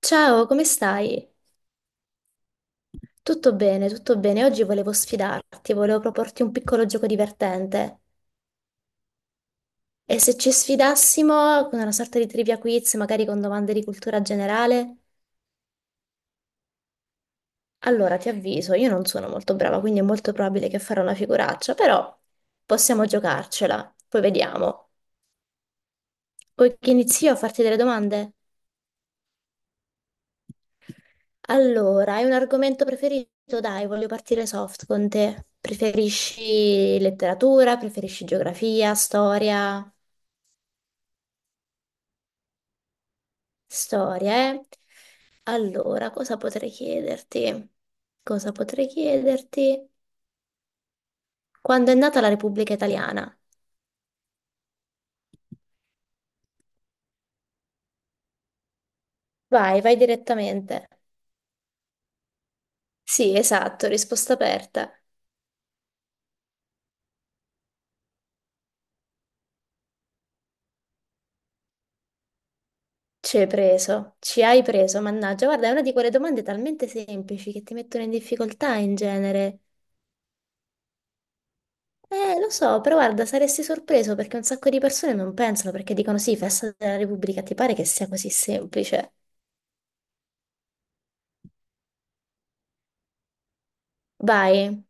Ciao, come stai? Tutto bene, tutto bene. Oggi volevo sfidarti, volevo proporti un piccolo gioco divertente. E se ci sfidassimo con una sorta di trivia quiz, magari con domande di cultura generale? Allora, ti avviso, io non sono molto brava, quindi è molto probabile che farò una figuraccia, però possiamo giocarcela. Poi vediamo. Vuoi che inizio a farti delle domande? Allora, hai un argomento preferito? Dai, voglio partire soft con te. Preferisci letteratura? Preferisci geografia, storia? Storia, eh? Allora, cosa potrei chiederti? Cosa potrei chiederti? Quando è nata la Repubblica Italiana? Vai, vai direttamente. Sì, esatto, risposta aperta. Ci hai preso, mannaggia. Guarda, è una di quelle domande talmente semplici che ti mettono in difficoltà in genere. Lo so, però guarda, saresti sorpreso perché un sacco di persone non pensano perché dicono sì, festa della Repubblica, ti pare che sia così semplice? Vai,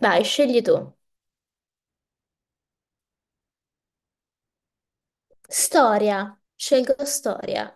vai, scegli tu. Storia, scelgo storia.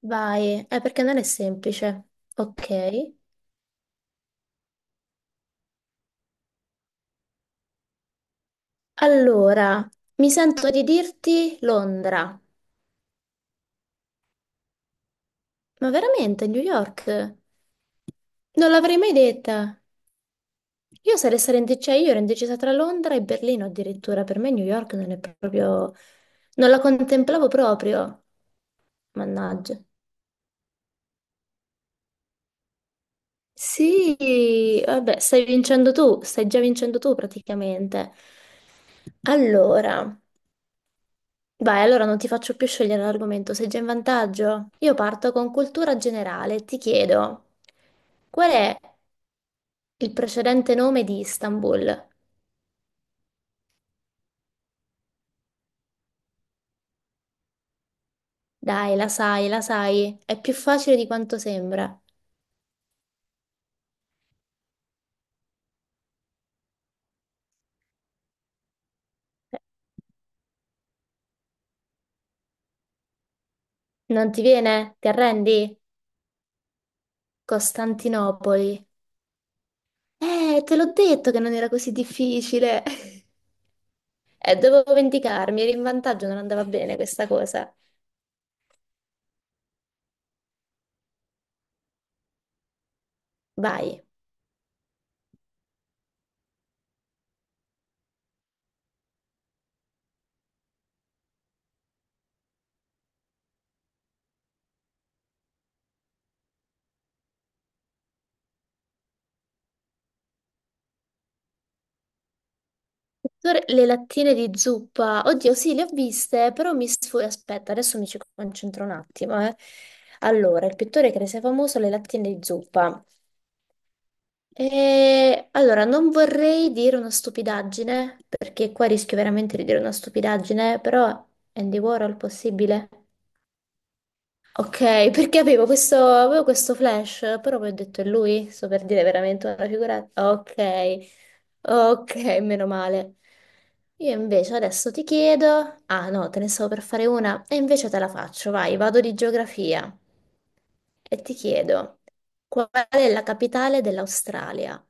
Vai, è perché non è semplice. Ok. Allora, mi sento di dirti Londra. Ma veramente, New York? Non l'avrei mai detta. Io sarei stata indecisa, io ero indecisa tra Londra e Berlino addirittura. Per me New York non è proprio... Non la contemplavo proprio. Mannaggia. Sì, vabbè, stai vincendo tu, stai già vincendo tu praticamente. Allora... Vai, allora non ti faccio più scegliere l'argomento, sei già in vantaggio. Io parto con cultura generale, ti chiedo, qual è il precedente nome di Istanbul? Dai, la sai, è più facile di quanto sembra. Non ti viene? Ti arrendi? Costantinopoli. Te l'ho detto che non era così difficile. E dovevo vendicarmi, eri in vantaggio, non andava bene questa cosa. Vai. Tor- Le lattine di zuppa, oddio, sì, le ho viste, però mi sfugge. Aspetta, adesso mi ci concentro un attimo, Allora, il pittore che rese famoso le lattine di zuppa. E... Allora, non vorrei dire una stupidaggine, perché qua rischio veramente di dire una stupidaggine, però Andy Warhol possibile? Ok, perché avevo questo flash, però poi ho detto è lui, sto per dire veramente una figurata. Ok, ok, meno male. Io invece adesso ti chiedo, ah no, te ne stavo per fare una, e invece te la faccio, vai, vado di geografia e ti chiedo, qual è la capitale dell'Australia?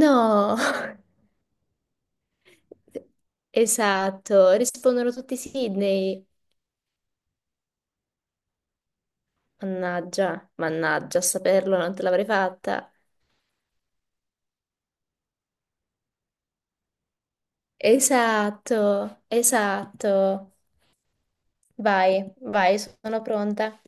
No, esatto, rispondono tutti Sydney. Mannaggia, mannaggia, a saperlo non te l'avrei fatta. Esatto, esatto. Vai, vai, sono pronta.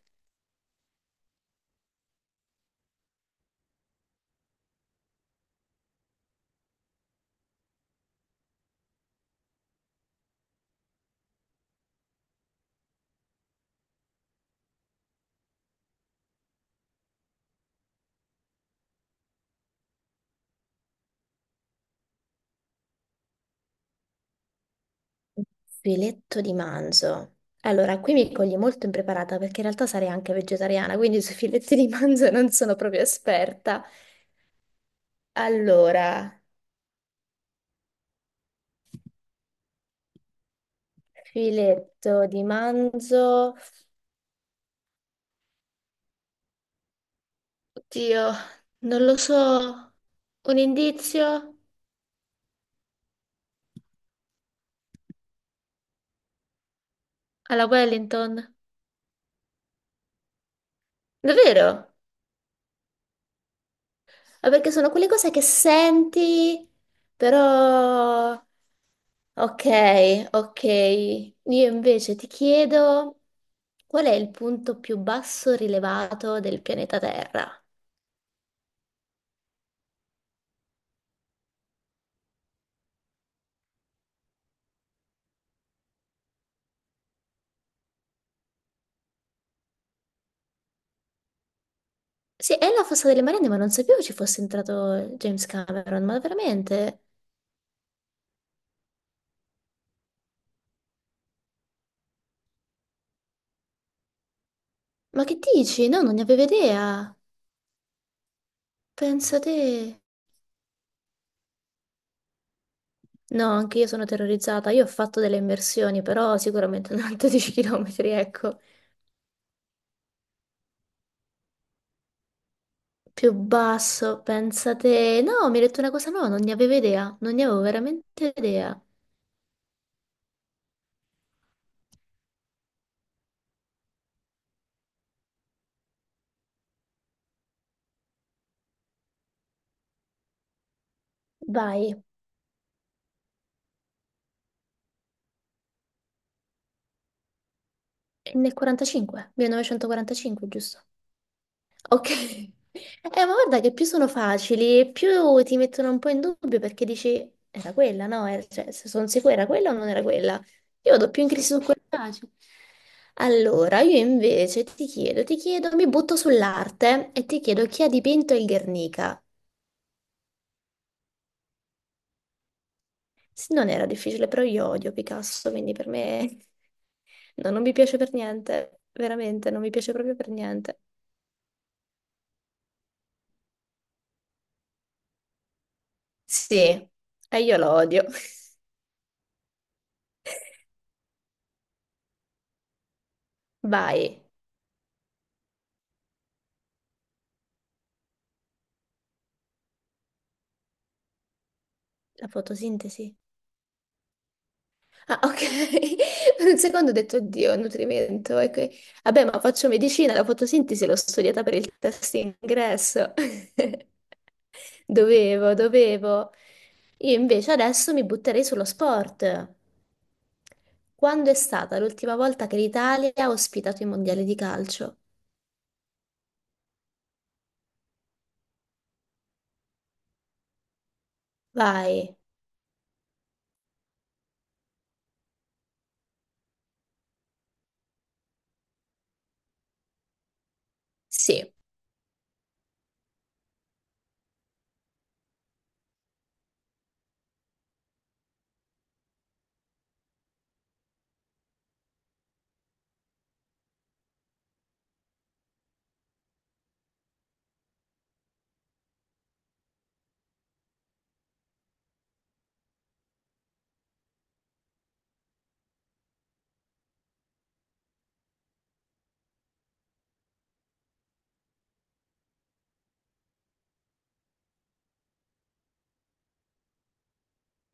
Filetto di manzo. Allora, qui mi cogli molto impreparata perché in realtà sarei anche vegetariana, quindi sui filetti di manzo non sono proprio esperta. Allora, filetto di manzo. Oddio, non lo so. Un indizio alla Wellington. Davvero? Ma perché sono quelle cose che senti, però... Ok, ok. Io invece ti chiedo qual è il punto più basso rilevato del pianeta Terra? Sì, è la fossa delle Marianne, ma non sapevo ci fosse entrato James Cameron, ma veramente? Ma che dici? No, non ne avevo idea. Pensa te. No, anche io sono terrorizzata. Io ho fatto delle immersioni, però sicuramente non 12 km, ecco. Più basso, pensate. No, mi hai detto una cosa nuova, non ne avevo idea, non ne avevo veramente idea. Vai, nel 45, 1945, giusto? Ok. Ma guarda che più sono facili, più ti mettono un po' in dubbio perché dici, era quella, no? Era- Cioè, se sono sicura era quella o non era quella? Io vado più in crisi su quel facile. Allora, io invece ti chiedo, mi butto sull'arte e ti chiedo chi ha dipinto il Guernica? Sì, non era difficile, però io odio Picasso, quindi per me no, non mi piace per niente, veramente, non mi piace proprio per niente. Sì, e io lo odio. Vai, la fotosintesi. Ah, ok. Per un secondo ho detto, oddio, nutrimento. E que- Vabbè, ma faccio medicina, la fotosintesi l'ho studiata per il test ingresso. Dovevo, dovevo. Io invece adesso mi butterei sullo sport. Quando è stata l'ultima volta che l'Italia ha ospitato i mondiali di calcio? Vai. Sì.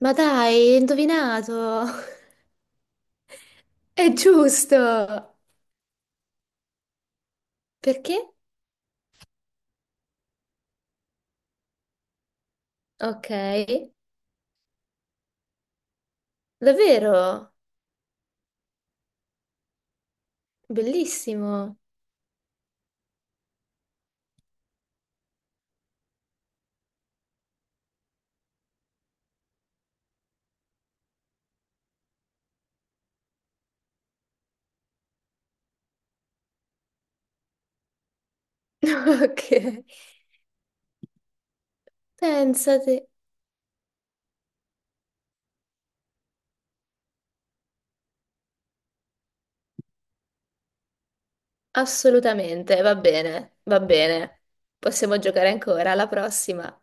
Ma dai, hai indovinato. È giusto. Perché? Ok. Davvero? Bellissimo. Ok, pensate, assolutamente, va bene, va bene. Possiamo giocare ancora, alla prossima.